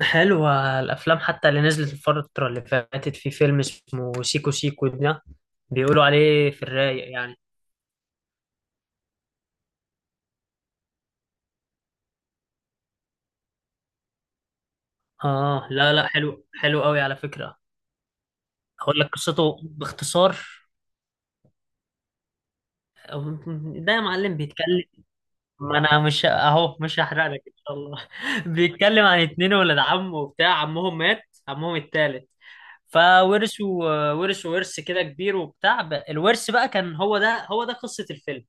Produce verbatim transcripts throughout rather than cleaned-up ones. حلوة الأفلام، حتى اللي نزلت الفترة اللي فاتت. في فيلم اسمه سيكو سيكو ده بيقولوا عليه في الرايق يعني. آه، لا لا حلو، حلو قوي على فكرة. أقول لك قصته باختصار. ده يا معلم بيتكلم. ما أنا مش أهو، مش هحرق لك إن شاء الله. بيتكلم عن اتنين ولاد عم، وبتاع عمهم مات، عمهم التالت، فورثوا ورثوا ورث كده كبير وبتاع. الورث بقى كان هو ده هو ده قصة الفيلم.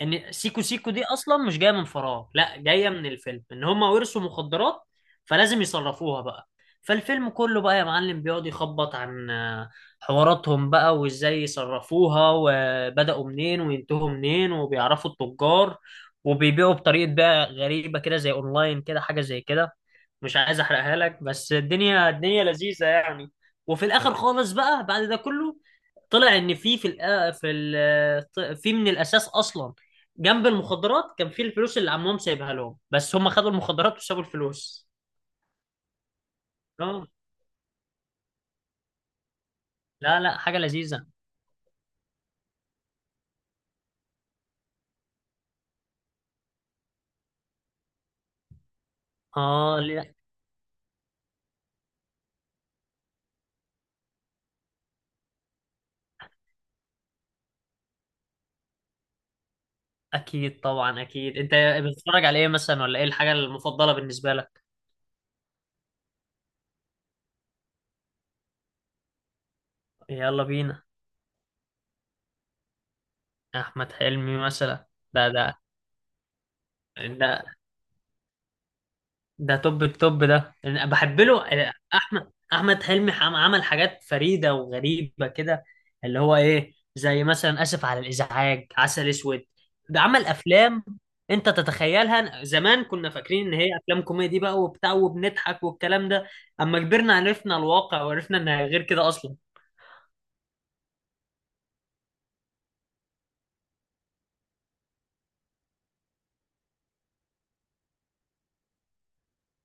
ان سيكو سيكو دي اصلا مش جايه من فراغ، لا جايه من الفيلم ان هم ورثوا مخدرات، فلازم يصرفوها بقى. فالفيلم كله بقى يا معلم بيقعد يخبط عن آه، حواراتهم بقى، وازاي يصرفوها، وبدأوا منين وينتهوا منين، وبيعرفوا التجار، وبيبيعوا بطريقة بقى غريبة كده، زي اونلاين كده حاجة زي كده. مش عايز احرقها لك، بس الدنيا الدنيا لذيذة يعني. وفي الاخر خالص بقى، بعد ده كله، طلع ان في في الأ- في ال- في من الاساس اصلا، جنب المخدرات، كان في الفلوس اللي عمهم سايبها لهم، بس هم خدوا المخدرات وسابوا الفلوس. اه، لا لا حاجة لذيذة. اه. لا. اكيد، طبعا اكيد. انت بتتفرج على ايه مثلا، ولا ايه الحاجة المفضلة بالنسبة لك؟ يلا بينا. احمد حلمي مثلا. ده ده ده ده توب التوب، ده أنا بحب له. آه، احمد احمد حلمي عم- عمل حاجات فريده وغريبه كده، اللي هو ايه، زي مثلا اسف على الازعاج، عسل اسود، ده عمل افلام انت تتخيلها. زمان كنا فاكرين ان هي افلام كوميدي بقى وبتاع، وبنضحك والكلام ده. اما كبرنا عرفنا الواقع، وعرفنا انها غير كده اصلا.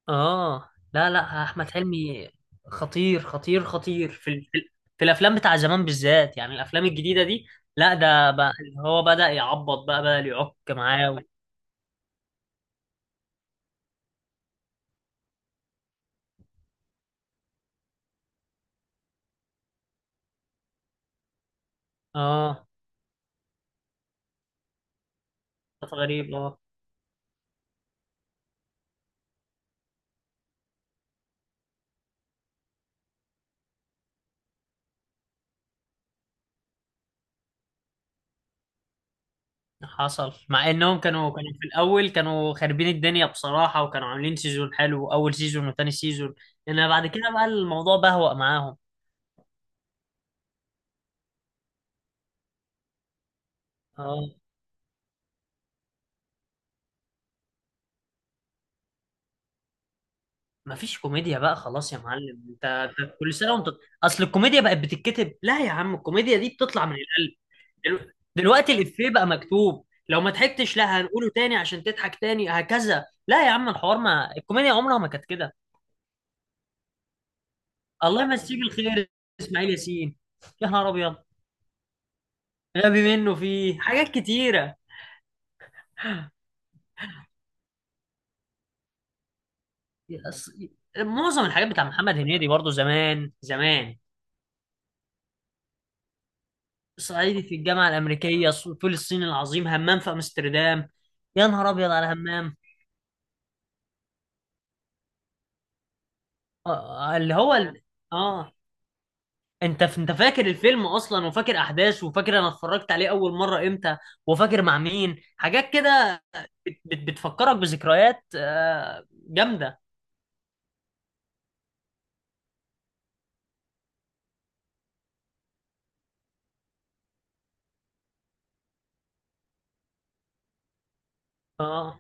اه، لا لا احمد حلمي خطير، خطير خطير في ال... في ال- في الافلام بتاع زمان بالذات، يعني الافلام الجديده دي، لا ده بقى اللي هو بدأ يعبط بقى، بقى يعك معاه و... اه كانت غريب. اه حصل، مع انهم كانوا كانوا في الاول كانوا خاربين الدنيا بصراحه، وكانوا عاملين سيزون حلو، اول سيزون وتاني سيزون، انما بعد كده بقى الموضوع بهوأ معاهم. اه، مفيش كوميديا بقى خلاص يا معلم. انت, انت كل سنه وانت... اصل الكوميديا بقت بتتكتب. لا يا عم، الكوميديا دي بتطلع من القلب. دلو- دلوقتي الإفيه بقى مكتوب. لو ما ضحكتش لا هنقوله تاني عشان تضحك تاني، هكذا. لا يا عم الحوار، ما الكوميديا عمرها ما كانت كده. الله يمسيه بالخير، اسماعيل ياسين، يا نهار ابيض. غبي منه فيه حاجات كتيرة. أص- معظم الحاجات بتاع محمد هنيدي برضو، زمان زمان. صعيدي في الجامعة الأمريكية، ص- فول الصين العظيم، همام في أمستردام. يا نهار أبيض على همام. آه، اللي هو ال... اه. انت ف... انت فاكر الفيلم اصلا، وفاكر احداثه، وفاكر انا اتفرجت عليه اول مره امتى، وفاكر مع مين، حاجات كده. بت... بت... بتفكرك بذكريات آه، جامده. اه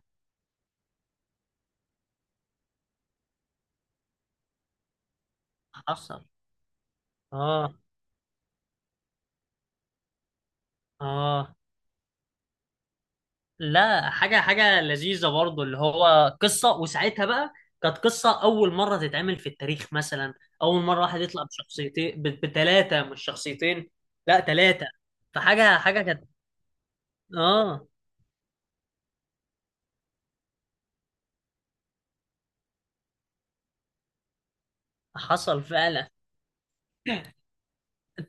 حصل. اه. اه، لا، حاجه حاجه لذيذه برضو، اللي هو قصه. وساعتها بقى كانت قصه اول مره تتعمل في التاريخ مثلا. اول مره واحد يطلع بشخصيتين، بثلاثه، مش شخصيتين، لا ثلاثه. فحاجه حاجه كانت. اه حصل فعلا.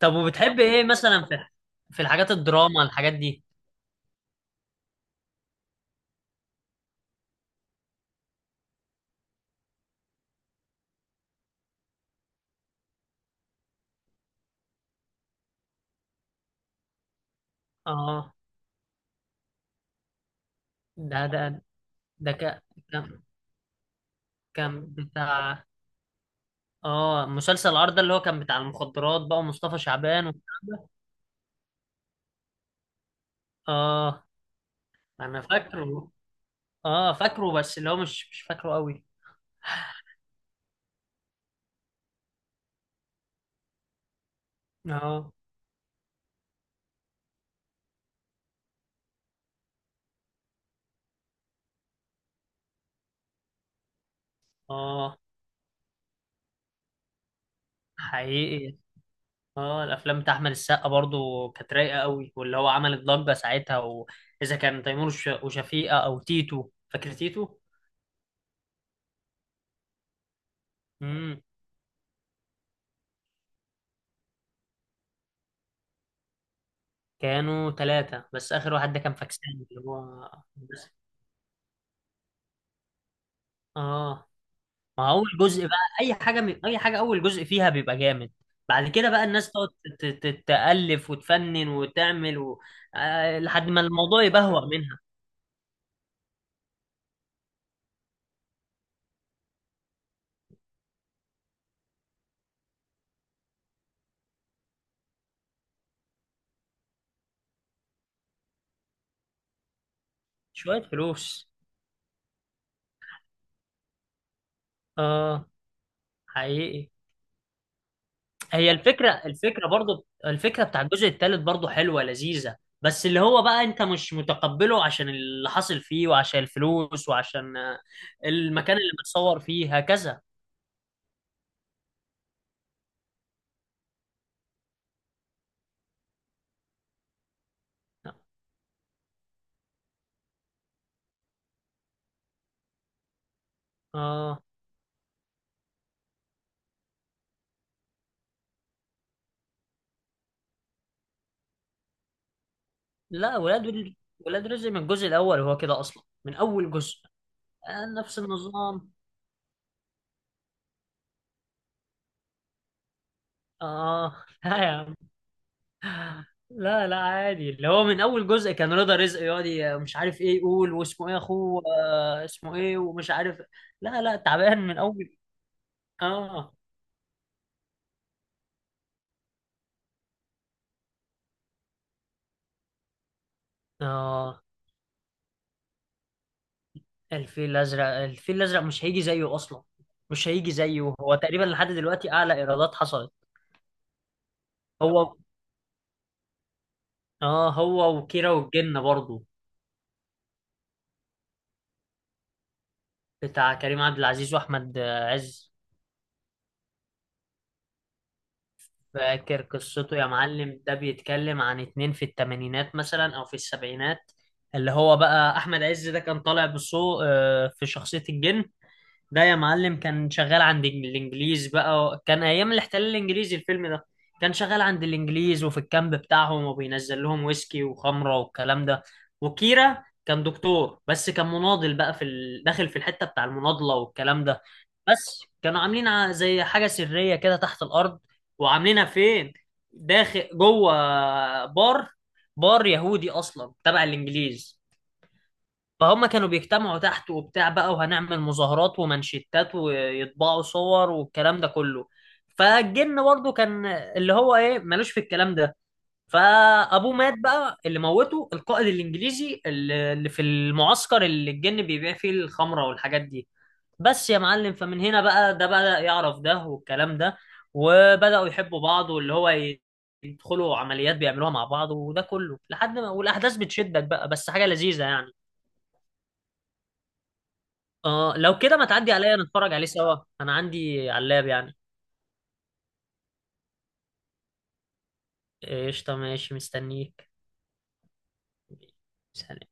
طب وبتحب ايه مثلا في، في الحاجات الدراما، الحاجات دي؟ اه. ده ده ده ك... كان كان بتاع، اه، مسلسل العار ده، اللي هو كان بتاع المخدرات بقى، ومصطفى شعبان والكلام ده. اه انا فاكره. اه فاكره، بس اللي هو مش مش فاكره قوي. اه. اه حقيقي. اه، الافلام بتاع احمد السقا برضو كانت رايقه قوي، واللي هو عمل ضجه ساعتها، واذا كان تيمور وش- وشفيقه، او تيتو، فاكر تيتو؟ مم. كانوا ثلاثة، بس آخر واحد ده كان فاكسان، اللي هو بس. اه، ما هو أول جزء بقى، أي حاجة من أي حاجة أول جزء فيها بيبقى جامد، بعد كده بقى الناس تقعد ت- ت- تألف وتفنن وتعمل و... آه لحد ما الموضوع يبهوأ منها. شوية فلوس. اه حقيقي. هي الفكرة الفكرة برضو، الفكرة بتاع الجزء الثالث برضو حلوة لذيذة، بس اللي هو بقى انت مش متقبله عشان اللي حصل فيه، وعشان الفلوس، وعشان آه، المكان اللي متصور فيه، هكذا. اه، لا، ولاد ال- ولاد رزق من الجزء الاول هو كده اصلا، من اول جزء. آه نفس النظام. اه لا يا عم، لا لا عادي، اللي هو من اول جزء كان رضا رزق يقعد ي- مش عارف ايه يقول، واسمه ايه اخوه، آه اسمه ايه، ومش عارف. لا لا تعبان من اول. اه. اه، الفيل الازرق، الفيل الازرق مش هيجي زيه اصلا، مش هيجي زيه. هو تقريبا لحد دلوقتي اعلى ايرادات حصلت. هو، اه هو وكيرة والجن برضه. بتاع كريم عبد العزيز واحمد عز. فاكر قصته يا معلم؟ ده بيتكلم عن اتنين في التمانينات مثلا او في السبعينات. اللي هو بقى احمد عز ده كان طالع بصو آه، في شخصية الجن. ده يا معلم كان شغال عند الانجليز بقى، كان ايام الاحتلال الانجليزي الفيلم ده، كان شغال عند الانجليز وفي الكامب بتاعهم، وبينزل لهم ويسكي وخمره والكلام ده. وكيرا كان دكتور، بس كان مناضل بقى في ال...، داخل في الحته بتاع المناضله والكلام ده. بس كانوا عاملين ع- زي حاجه سريه كده تحت الارض، وعاملينها فين، داخل جوه بار، بار يهودي اصلا تبع الانجليز. فهم كانوا بيجتمعوا تحت وبتاع بقى، وهنعمل مظاهرات ومانشيتات ويطبعوا صور والكلام ده كله. فالجن برضه كان اللي هو ايه، مالوش في الكلام ده. فابوه مات بقى، اللي موته القائد الانجليزي اللي، اللي في المعسكر اللي الجن بيبيع فيه الخمره والحاجات دي، بس يا معلم. فمن هنا بقى ده بدأ يعرف ده والكلام ده، وبدأوا يحبوا بعض، واللي هو ي- يدخلوا عمليات بيعملوها مع بعض، وده كله لحد ما، والاحداث بتشدك بقى، بس حاجه لذيذه يعني. اه لو كده ما تعدي عليا نتفرج عليه سوا. انا عندي علاب يعني. قشطة، ماشي، مستنيك. سلام.